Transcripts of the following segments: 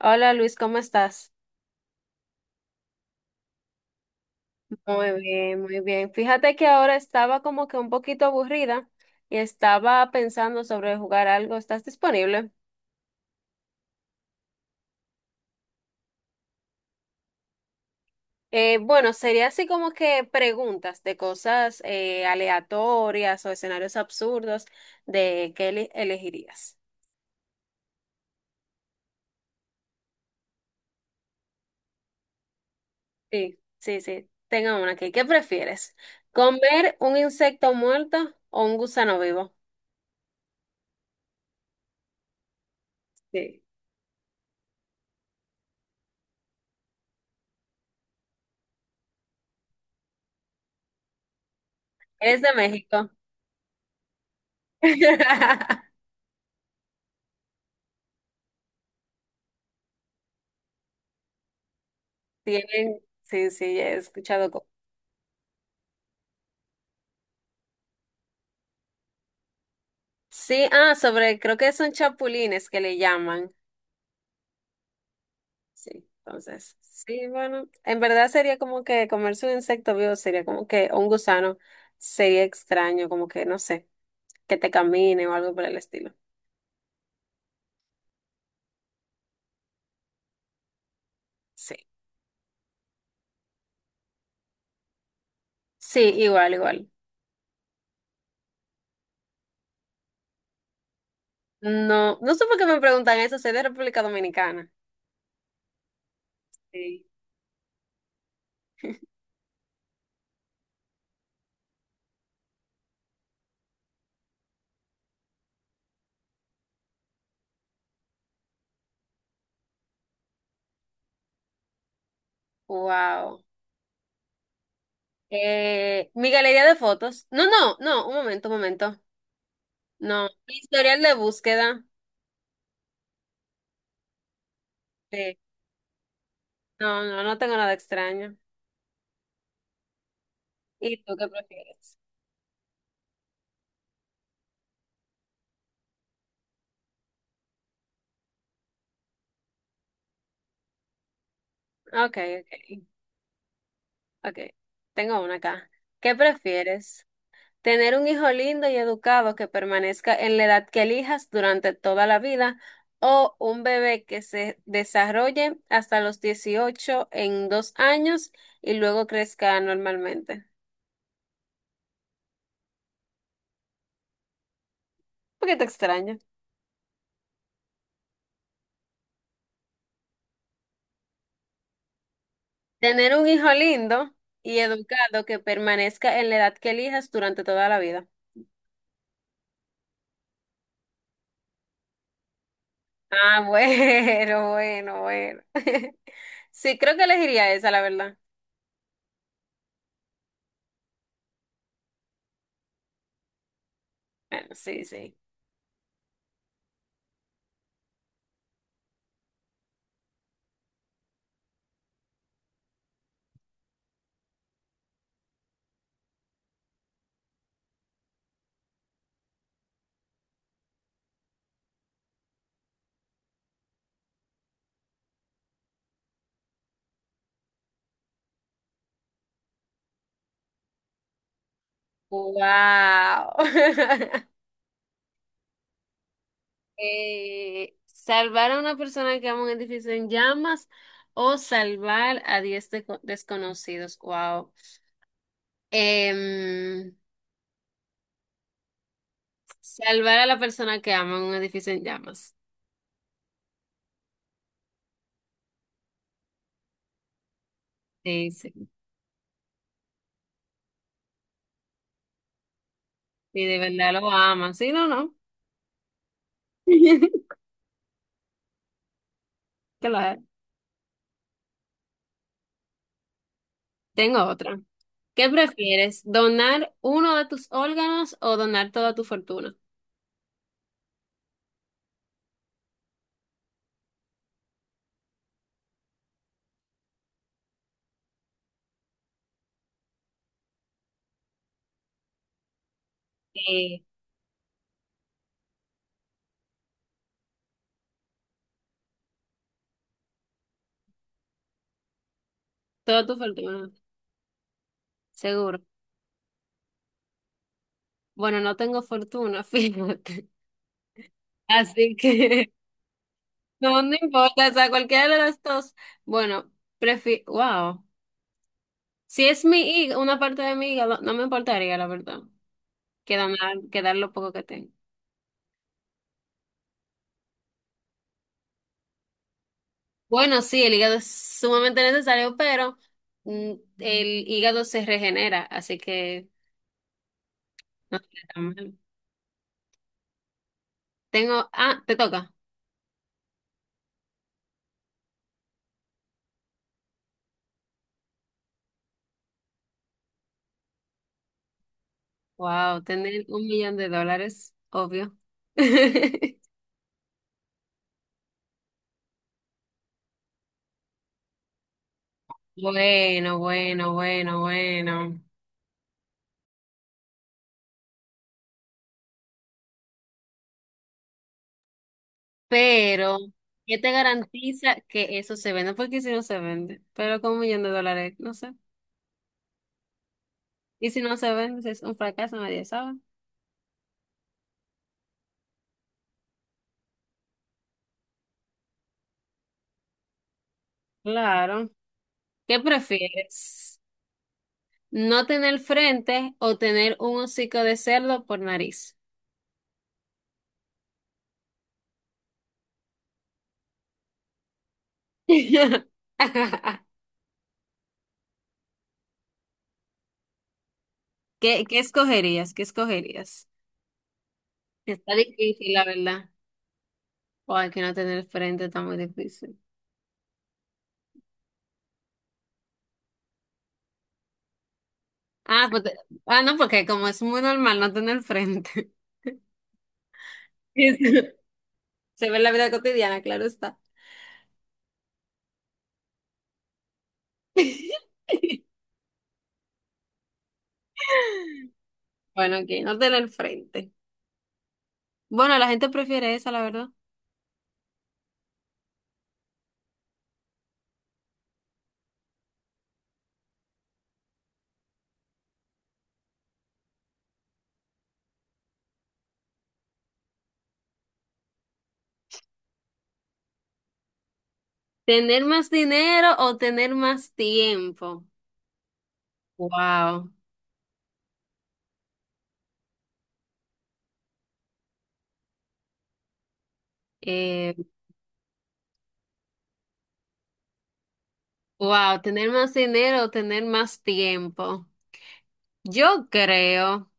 Hola Luis, ¿cómo estás? Muy bien, muy bien. Fíjate que ahora estaba como que un poquito aburrida y estaba pensando sobre jugar algo. ¿Estás disponible? Bueno, sería así como que preguntas de cosas aleatorias o escenarios absurdos de qué elegirías. Sí, sí, sí. Tengo una aquí. ¿Qué prefieres? ¿Comer un insecto muerto o un gusano vivo? Sí. ¿Eres de México? Tienen, sí, sí, he escuchado. Sí, ah, sobre, creo que son chapulines que le llaman. Sí, entonces, sí, bueno, en verdad sería como que comerse un insecto vivo, sería como que o un gusano, sería extraño, como que, no sé, que te camine o algo por el estilo. Sí, sí, igual, igual. No, no sé por qué me preguntan eso, soy de República Dominicana. Sí. Wow. Mi galería de fotos. No, no, no, un momento, un momento. No, historial de búsqueda. Sí. No, no, no tengo nada extraño. ¿Y tú qué prefieres? Ok, ok, ok. Tengo una acá. ¿Qué prefieres? ¿Tener un hijo lindo y educado que permanezca en la edad que elijas durante toda la vida o un bebé que se desarrolle hasta los 18 en 2 años y luego crezca normalmente? Un te extraño. Tener un hijo lindo y educado que permanezca en la edad que elijas durante toda la vida. Ah, bueno, bueno, bueno. Sí, creo que elegiría esa, la verdad. Bueno, sí, sí. Wow. ¿Salvar a una persona que ama un edificio en llamas o salvar a 10 desconocidos? Wow. Em, salvar a la persona que ama un edificio en llamas. Sí, sí. Y de verdad lo ama. Sí, no, no. Claro. Tengo otra. ¿Qué prefieres? ¿Donar uno de tus órganos o donar toda tu fortuna? Eh, Toda tu fortuna, seguro. Bueno, no tengo fortuna, fíjate. Así que no, no importa, o sea, cualquiera de las dos. Bueno, prefi wow. Si es mi hígado, una parte de mi hígado, no me importaría, la verdad, que donar, que dar lo poco que tengo. Bueno, sí, el hígado es sumamente necesario, pero mm, el hígado se regenera, así que no está tan mal. Tengo, ah, te toca. Wow, tener 1 millón de dólares, obvio. Bueno, bueno, bueno, bueno. Pero, ¿qué te garantiza que eso se venda? Porque si no se vende, pero con 1 millón de dólares, no sé. Y si no se vende, si es un fracaso, nadie sabe. Claro. ¿Qué prefieres? ¿No tener frente o tener un hocico de cerdo por nariz? ¿Qué, qué escogerías? ¿Qué escogerías? Está difícil, la verdad. O hay que no tener frente está muy difícil. Ah, pues, ah, no, porque como es muy normal no tener frente. Eso se ve en la vida cotidiana, claro está. Bueno, aquí no tener frente. Bueno, la gente prefiere esa, la verdad. ¿Tener más dinero o tener más tiempo? Wow. Eh, wow, tener más dinero o tener más tiempo. Yo creo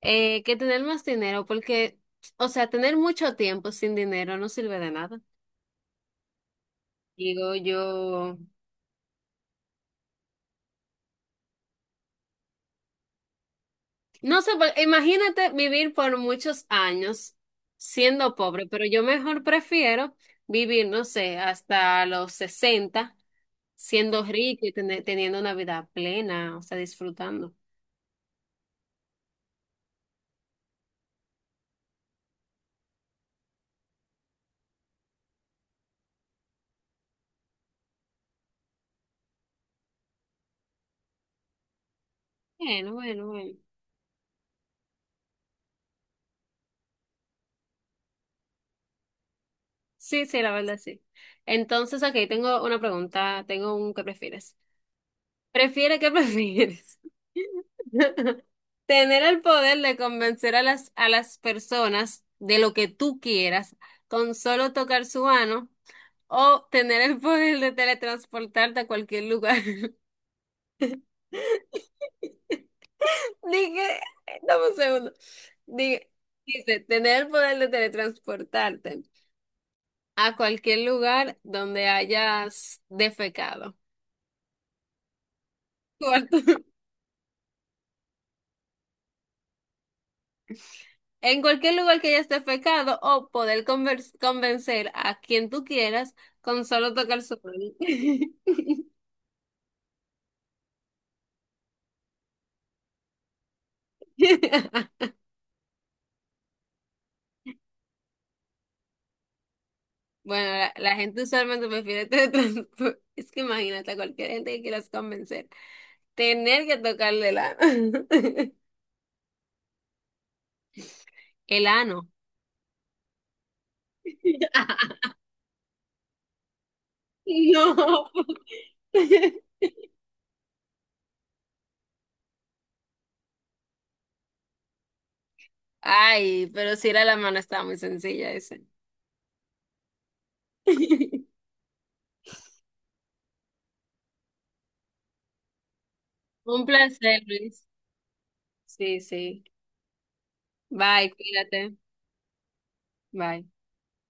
que tener más dinero, porque, o sea, tener mucho tiempo sin dinero no sirve de nada. Digo yo, no sé, pues, imagínate vivir por muchos años siendo pobre, pero yo mejor prefiero vivir, no sé, hasta los 60 siendo rico y teniendo una vida plena, o sea, disfrutando. Bueno, bueno, bueno. Sí, sí, la verdad sí. Entonces, aquí tengo una pregunta, tengo un ¿qué prefieres? ¿Prefiere qué prefieres? Tener el poder de convencer a a las personas de lo que tú quieras con solo tocar su mano o tener el poder de teletransportarte a cualquier lugar. Dije, dame un segundo. Dije, dice, tener el poder de teletransportarte a cualquier lugar donde hayas defecado. Cuarto, en cualquier lugar que hayas defecado o poder convencer a quien tú quieras con solo tocar su mano. Bueno, la gente usualmente prefiere teletransportar. Es que imagínate a cualquier gente que quieras convencer, tener que tocarle el ano. El ano. No. Ay, pero si era la mano, estaba muy sencilla ese. Un placer, Luis. Sí, sí. Bye, cuídate. Bye.